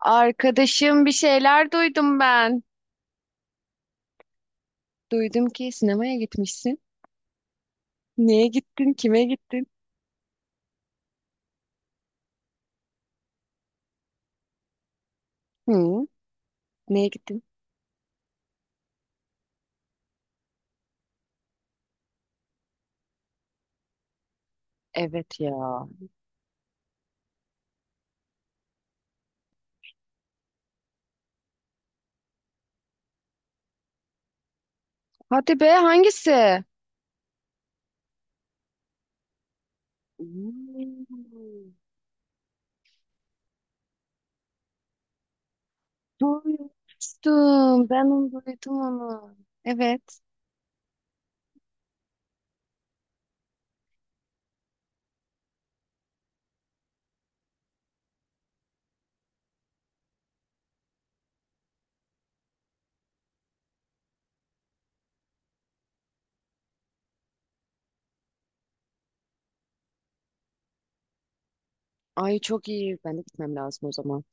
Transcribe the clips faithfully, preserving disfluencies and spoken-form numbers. Arkadaşım bir şeyler duydum ben. Duydum ki sinemaya gitmişsin. Neye gittin? Kime gittin? Hı? Neye gittin? Evet ya. Hadi be hangisi? Hmm. Duymuştum. Ben onu duydum onu. Evet. Ay çok iyi. Ben de gitmem lazım o zaman.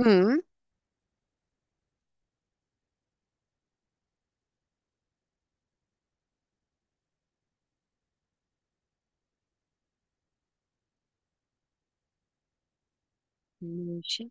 Hı? Hmm, Şey,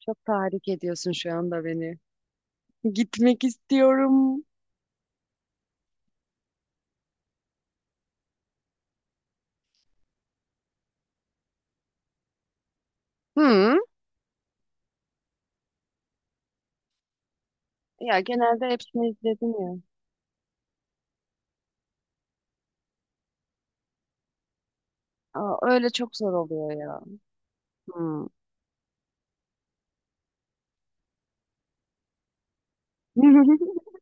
çok tahrik ediyorsun şu anda beni. Gitmek istiyorum. Hı? Ya genelde hepsini izledim ya. Aa, öyle çok zor oluyor ya. Hı.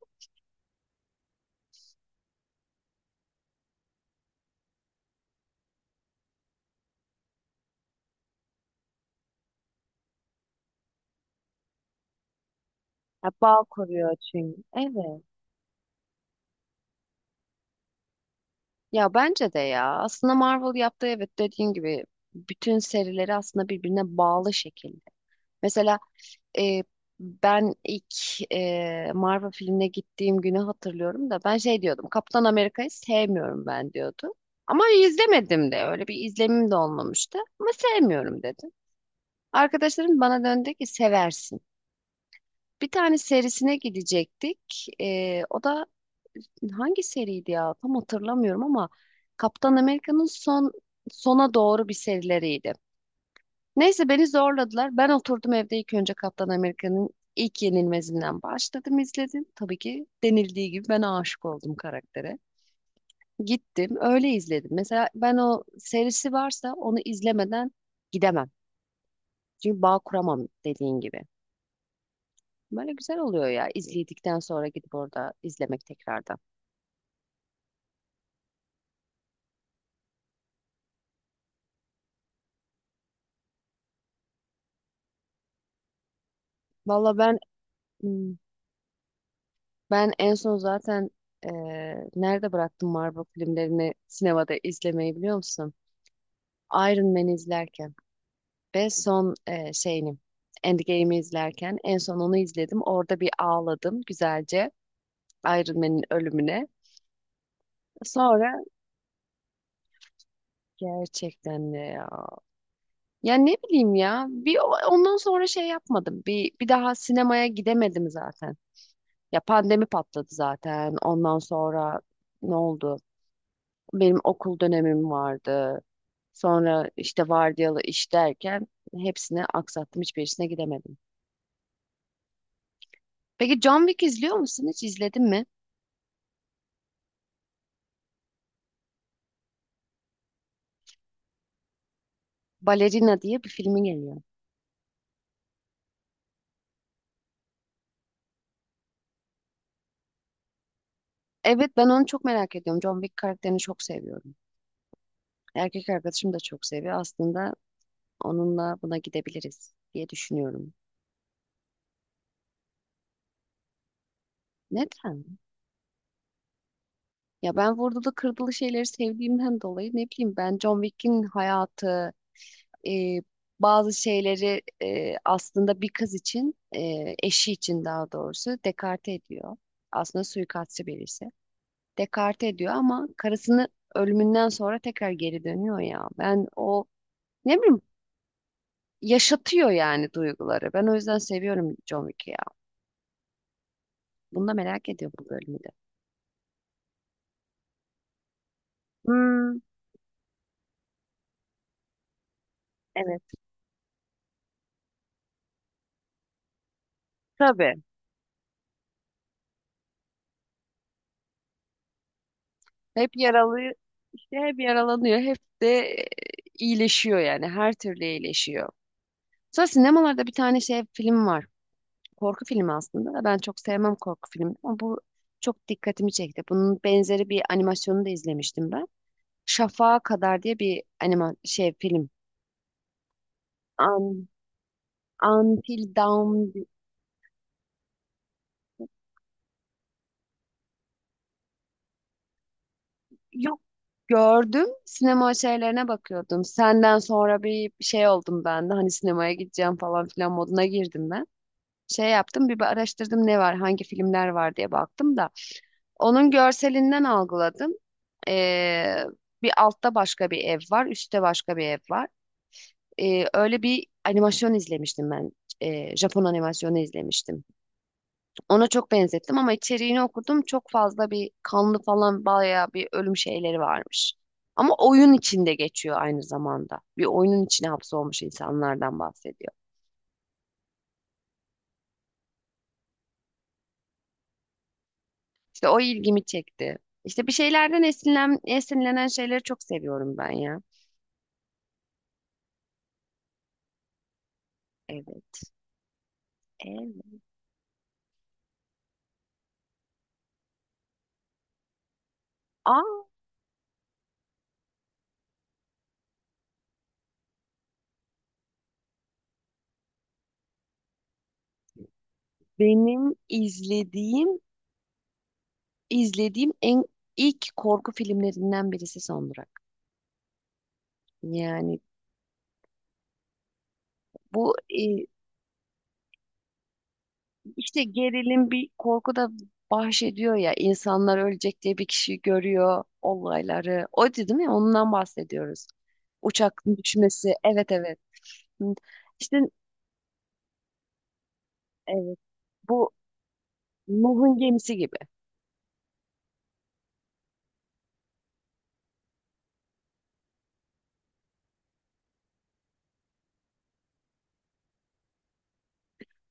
Ya bağ kuruyor çünkü. Evet. Ya bence de ya. Aslında Marvel yaptığı, evet, dediğin gibi bütün serileri aslında birbirine bağlı şekilde. Mesela e, ben ilk e, Marvel filmine gittiğim günü hatırlıyorum da ben şey diyordum. Kaptan Amerika'yı sevmiyorum ben diyordum. Ama izlemedim de, öyle bir izlemim de olmamıştı. Ama sevmiyorum dedim. Arkadaşlarım bana döndü ki seversin. Bir tane serisine gidecektik. E, o da hangi seriydi ya? Tam hatırlamıyorum ama Kaptan Amerika'nın son sona doğru bir serileriydi. Neyse, beni zorladılar. Ben oturdum evde, ilk önce Kaptan Amerika'nın ilk yenilmezinden başladım izledim. Tabii ki denildiği gibi ben aşık oldum karaktere. Gittim öyle izledim. Mesela ben, o serisi varsa onu izlemeden gidemem. Çünkü bağ kuramam dediğin gibi. Böyle güzel oluyor ya, izledikten sonra gidip orada izlemek tekrardan. Valla ben, hmm, ben en son zaten eee, nerede bıraktım Marvel filmlerini sinemada izlemeyi biliyor musun? Iron Man'i izlerken ve son eee şeyini, Endgame'i izlerken en son onu izledim. Orada bir ağladım güzelce, Iron Man'in ölümüne. Sonra gerçekten de ya. Ya ne bileyim ya. Bir o- ondan sonra şey yapmadım. Bir bir daha sinemaya gidemedim zaten. Ya pandemi patladı zaten. Ondan sonra ne oldu? Benim okul dönemim vardı. Sonra işte vardiyalı iş derken hepsini aksattım. Hiçbirisine gidemedim. Peki John Wick izliyor musun? Hiç izledin mi? Balerina diye bir filmi geliyor. Evet, ben onu çok merak ediyorum. John Wick karakterini çok seviyorum. Erkek arkadaşım da çok seviyor. Aslında onunla buna gidebiliriz diye düşünüyorum. Neden? Ya ben vurdulu kırdılı şeyleri sevdiğimden dolayı, ne bileyim, ben John Wick'in hayatı, e, bazı şeyleri, e, aslında bir kız için, e, eşi için daha doğrusu dekarte ediyor. Aslında suikastçı birisi. Dekarte ediyor ama karısını ölümünden sonra tekrar geri dönüyor ya. Ben o, ne bileyim, yaşatıyor yani duyguları. Ben o yüzden seviyorum John Wick'i ya. Bunu da merak ediyor bu bölümü de. Hmm, evet, tabii. Hep yaralı, işte hep yaralanıyor, hep de e, iyileşiyor yani her türlü iyileşiyor. Sonra sinemalarda bir tane şey film var. Korku filmi aslında. Ben çok sevmem korku filmi ama bu çok dikkatimi çekti. Bunun benzeri bir animasyonu da izlemiştim ben. Şafağa Kadar diye bir anima şey film. Un- Until Dawn di- yok, gördüm. Sinema şeylerine bakıyordum. Senden sonra bir şey oldum ben de, hani sinemaya gideceğim falan filan moduna girdim ben. Şey yaptım, bir araştırdım ne var, hangi filmler var diye baktım da onun görselinden algıladım. Ee, Bir altta başka bir ev var, üstte başka bir ev var. Ee, öyle bir animasyon izlemiştim ben. Ee, Japon animasyonu izlemiştim. Ona çok benzettim ama içeriğini okudum. Çok fazla bir kanlı falan, bayağı bir ölüm şeyleri varmış. Ama oyun içinde geçiyor aynı zamanda. Bir oyunun içine hapsolmuş insanlardan bahsediyor. İşte o ilgimi çekti. İşte bir şeylerden esinlen, esinlenen şeyleri çok seviyorum ben ya. Evet. Evet. Aa, benim izlediğim izlediğim en ilk korku filmlerinden birisi Son Durak. Yani bu, e, işte gerilim bir korku da bahsediyor ya, insanlar ölecek diye bir kişi görüyor olayları. O değil mi? Ondan bahsediyoruz. Uçakın düşmesi. Evet, evet. Hı. İşte evet, bu Nuh'un gemisi gibi.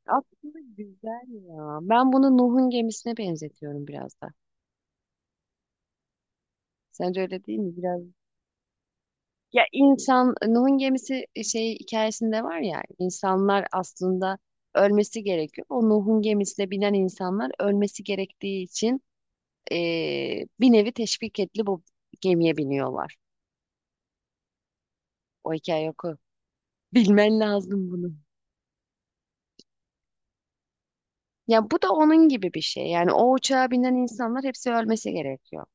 Aslında güzel ya. Ben bunu Nuh'un gemisine benzetiyorum biraz da. Sence öyle değil mi? Biraz ya, insan Nuh'un gemisi, e, şey, hikayesinde var ya, insanlar aslında ölmesi gerekiyor. O Nuh'un gemisine binen insanlar ölmesi gerektiği için eee, bir nevi teşvik etli bu gemiye biniyorlar. O hikaye oku. Bilmen lazım bunu. Ya bu da onun gibi bir şey. Yani o uçağa binen insanlar hepsi ölmesi gerekiyor.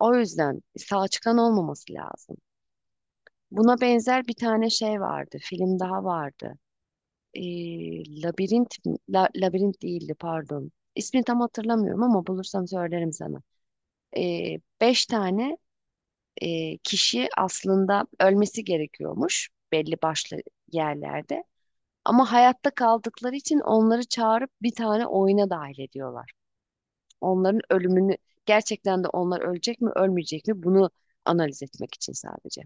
O yüzden sağ çıkan olmaması lazım. Buna benzer bir tane şey vardı. Film daha vardı. Ee, Labirent, mi- La- Labirent değildi, pardon. İsmini tam hatırlamıyorum ama bulursam söylerim sana. Ee, beş tane e, kişi aslında ölmesi gerekiyormuş belli başlı yerlerde. Ama hayatta kaldıkları için onları çağırıp bir tane oyuna dahil ediyorlar. Onların ölümünü, gerçekten de onlar ölecek mi ölmeyecek mi bunu analiz etmek için sadece.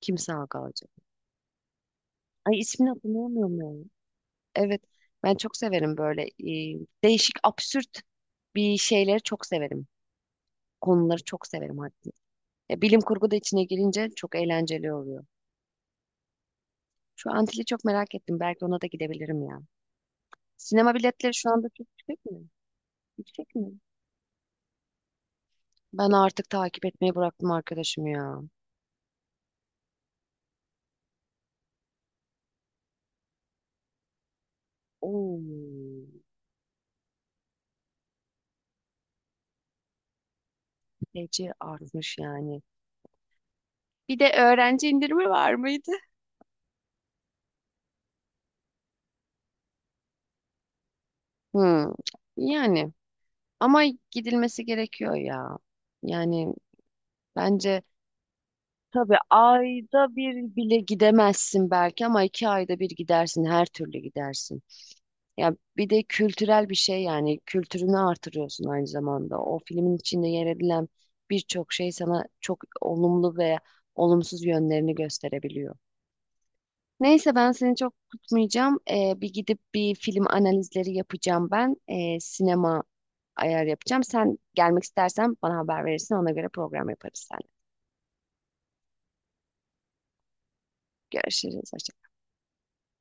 Kim sağ kalacak? Ay, ismini hatırlamıyorum ya. Evet, ben çok severim böyle e, değişik, absürt bir şeyleri çok severim. Konuları çok severim hatta. E, bilim kurgu da içine girince çok eğlenceli oluyor. Şu Antil'i çok merak ettim. Belki ona da gidebilirim ya. Sinema biletleri şu anda çok yüksek mi? Yüksek mi? Ben artık takip etmeyi bıraktım arkadaşım ya. Oo, feci artmış yani. Bir de öğrenci indirimi var mıydı? Hmm, yani, ama gidilmesi gerekiyor ya. Yani bence, tabii ayda bir bile gidemezsin belki ama iki ayda bir gidersin, her türlü gidersin. Ya bir de kültürel bir şey yani, kültürünü artırıyorsun aynı zamanda. O filmin içinde yer edilen birçok şey sana çok olumlu veya olumsuz yönlerini gösterebiliyor. Neyse, ben seni çok tutmayacağım. Ee, bir gidip bir film analizleri yapacağım ben. Ee, sinema ayar yapacağım. Sen gelmek istersen bana haber verirsin. Ona göre program yaparız seninle. Görüşürüz.